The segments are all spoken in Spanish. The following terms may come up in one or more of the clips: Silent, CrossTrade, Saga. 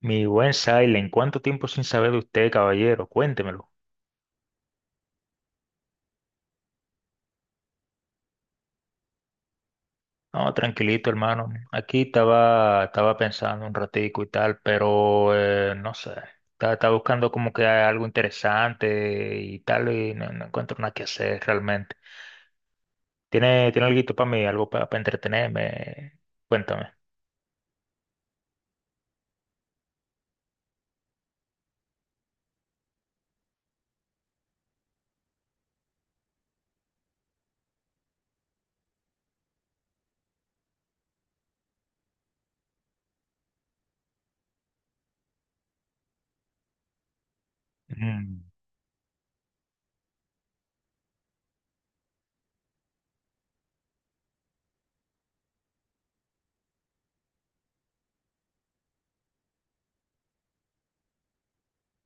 Mi buen Silent, ¿cuánto tiempo sin saber de usted, caballero? Cuéntemelo. No, tranquilito, hermano. Aquí estaba pensando un ratico y tal, pero no sé. Estaba buscando como que algo interesante y tal, y no, no encuentro nada que hacer realmente. ¿Tiene algo para mí, algo para entretenerme? Cuéntame. Ujú.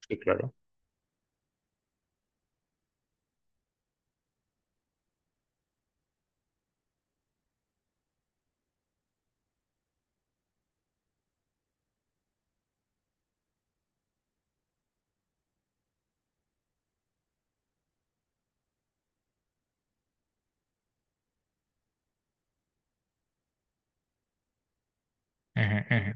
Sí, claro. Ujú, ujú.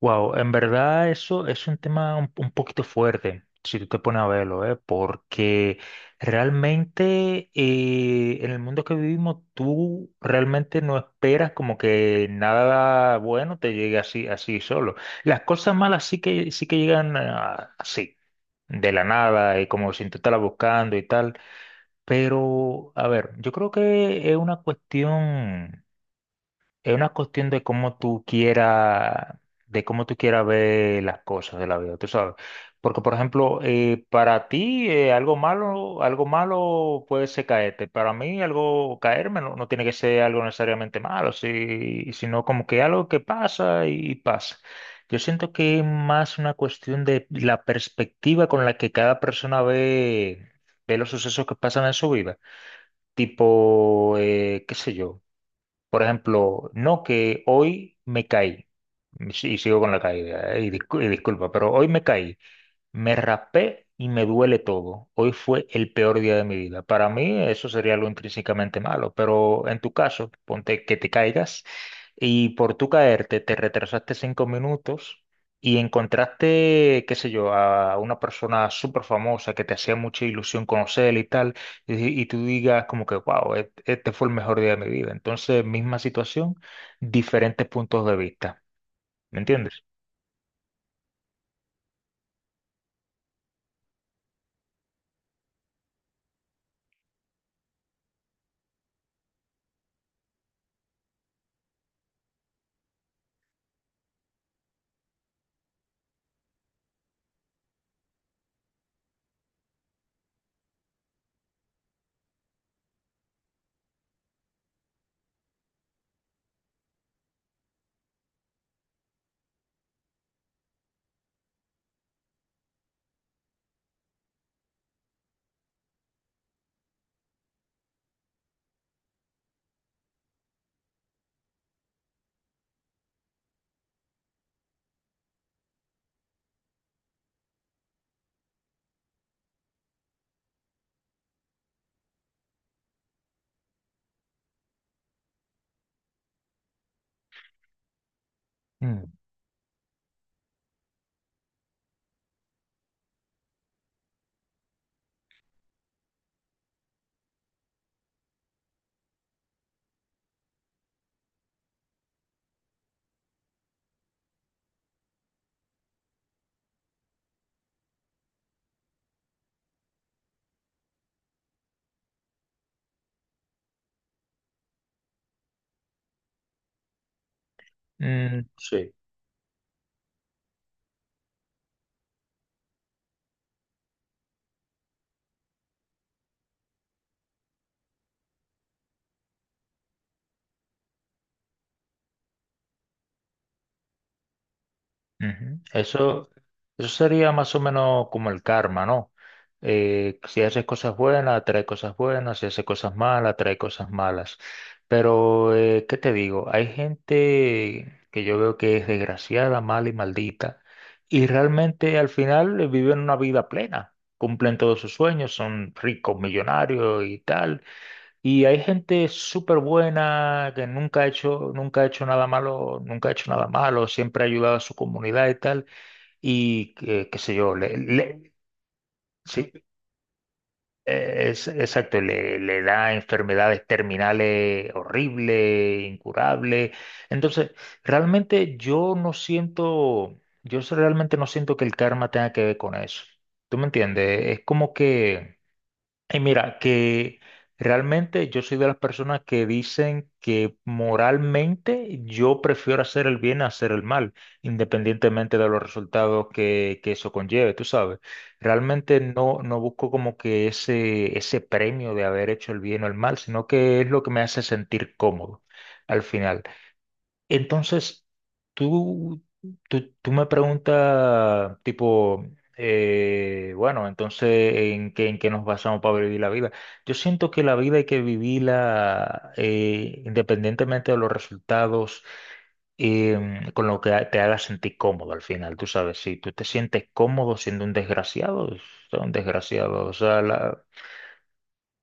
Wow, en verdad eso es un tema un poquito fuerte, si tú te pones a verlo, ¿eh? Porque realmente en el mundo que vivimos tú realmente no esperas como que nada bueno te llegue así, así solo. Las cosas malas sí que llegan así, de la nada y como sin tú estarla buscando y tal. Pero, a ver, yo creo que es una cuestión. Es una cuestión de cómo tú quieras, de cómo tú quieras ver las cosas de la vida, tú sabes. Porque, por ejemplo, para ti algo malo puede ser caerte. Para mí algo caerme no, no tiene que ser algo necesariamente malo, sino como que algo que pasa y pasa. Yo siento que es más una cuestión de la perspectiva con la que cada persona ve, ve los sucesos que pasan en su vida. Tipo, qué sé yo. Por ejemplo, no que hoy me caí, y sigo con la caída, y y disculpa, pero hoy me caí. Me raspé y me duele todo. Hoy fue el peor día de mi vida. Para mí eso sería algo intrínsecamente malo, pero en tu caso, ponte que te caigas y por tu caerte te retrasaste 5 minutos y encontraste, qué sé yo, a una persona súper famosa que te hacía mucha ilusión conocer y tal, y tú digas como que, wow, este fue el mejor día de mi vida. Entonces, misma situación, diferentes puntos de vista. ¿Me entiendes? Mm. Mm. Sí. Ujú. Eso sería más o menos como el karma, ¿no? Si haces cosas buenas, atrae cosas buenas, si haces cosas malas, atrae cosas malas. Pero, ¿qué te digo? Hay gente que yo veo que es desgraciada, mala y maldita, y realmente al final viven una vida plena, cumplen todos sus sueños, son ricos, millonarios y tal y hay gente súper buena que nunca ha hecho, nunca ha hecho nada malo, nunca ha hecho nada malo, siempre ha ayudado a su comunidad y tal, y que, qué sé yo, sí, es, exacto, le da enfermedades terminales horribles, incurables. Entonces, realmente yo no siento, yo realmente no siento que el karma tenga que ver con eso. ¿Tú me entiendes? Es como que. Y mira, que realmente yo soy de las personas que dicen que moralmente yo prefiero hacer el bien a hacer el mal, independientemente de los resultados que eso conlleve, tú sabes. Realmente no, no busco como que ese premio de haber hecho el bien o el mal, sino que es lo que me hace sentir cómodo al final. Entonces, tú, tú me preguntas, tipo, bueno, entonces, en qué nos basamos para vivir la vida? Yo siento que la vida hay que vivirla independientemente de los resultados, con lo que te haga sentir cómodo al final. Tú sabes, si tú te sientes cómodo siendo un desgraciado, sea un desgraciado. O sea, la-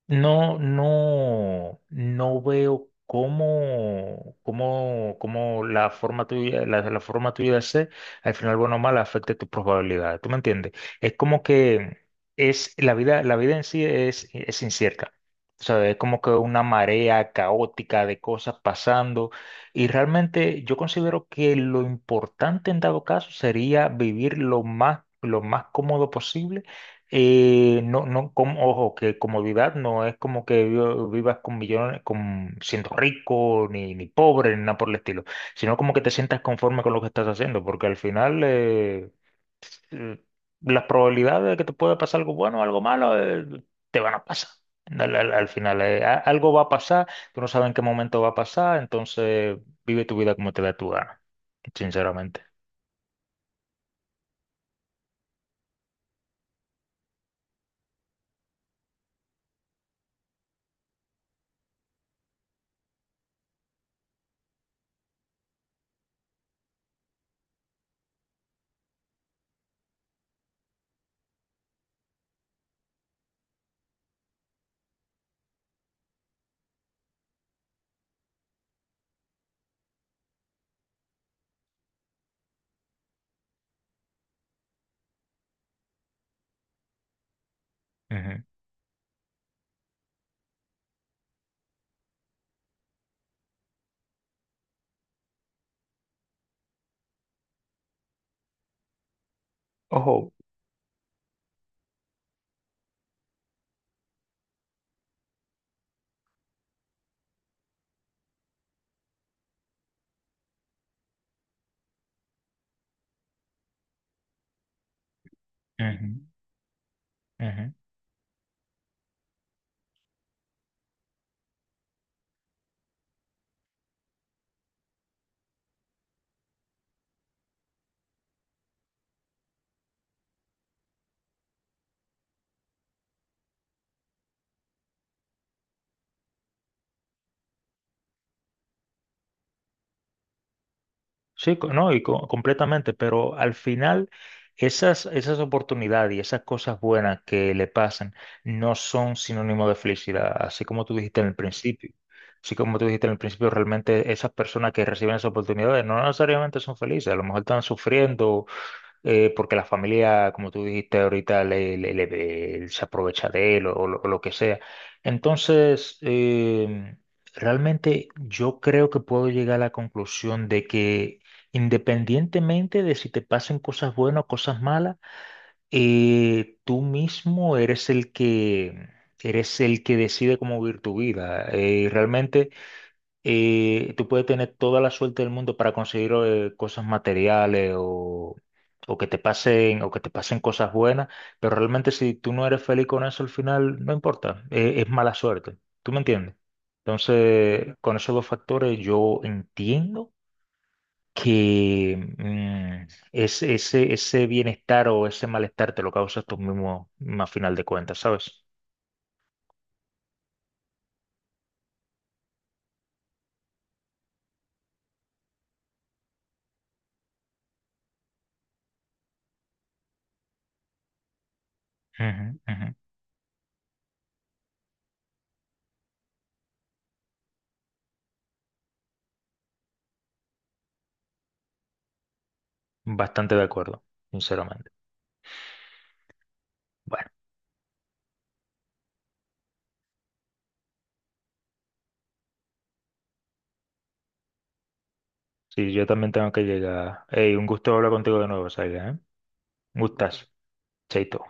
no, no, no veo cómo, cómo, cómo la forma tuya, la forma tuya de ser, al final, bueno o mal, afecte tu probabilidad. ¿Tú me entiendes? Es como que es la vida en sí es incierta. O sea, es como que una marea caótica de cosas pasando. Y realmente yo considero que lo importante en dado caso sería vivir lo más cómodo posible y no, no, com- ojo, que comodidad no es como que vivas con millones, con siendo rico, ni, ni pobre, ni nada por el estilo, sino como que te sientas conforme con lo que estás haciendo, porque al final eh, las probabilidades de que te pueda pasar algo bueno o algo malo te van a pasar. Al, al- al final a- algo va a pasar, tú no sabes en qué momento va a pasar, entonces vive tu vida como te da tu gana, sinceramente. Ujú. Ojo. Ujú, ujú. Sí, no, y completamente, pero al final esas, esas oportunidades y esas cosas buenas que le pasan no son sinónimo de felicidad, así como tú dijiste en el principio. Así como tú dijiste en el principio, realmente esas personas que reciben esas oportunidades no necesariamente son felices, a lo mejor están sufriendo porque la familia, como tú dijiste ahorita, se aprovecha de él o lo que sea. Entonces, realmente yo creo que puedo llegar a la conclusión de que independientemente de si te pasen cosas buenas o cosas malas, tú mismo eres el que decide cómo vivir tu vida. Realmente. Y tú puedes tener toda la suerte del mundo para conseguir cosas materiales o que te pasen, o que te pasen cosas buenas, pero realmente si tú no eres feliz con eso al final, no importa, es mala suerte. ¿Tú me entiendes? Entonces, con esos dos factores yo entiendo que es- ese bienestar o ese malestar te lo causas tú mismo a final de cuentas, ¿sabes? Ujú, ujú. Bastante de acuerdo, sinceramente. Bueno. Sí, yo también tengo que llegar. Ey, un gusto hablar contigo de nuevo, Saga, ¿eh? Un gustazo. Chaito.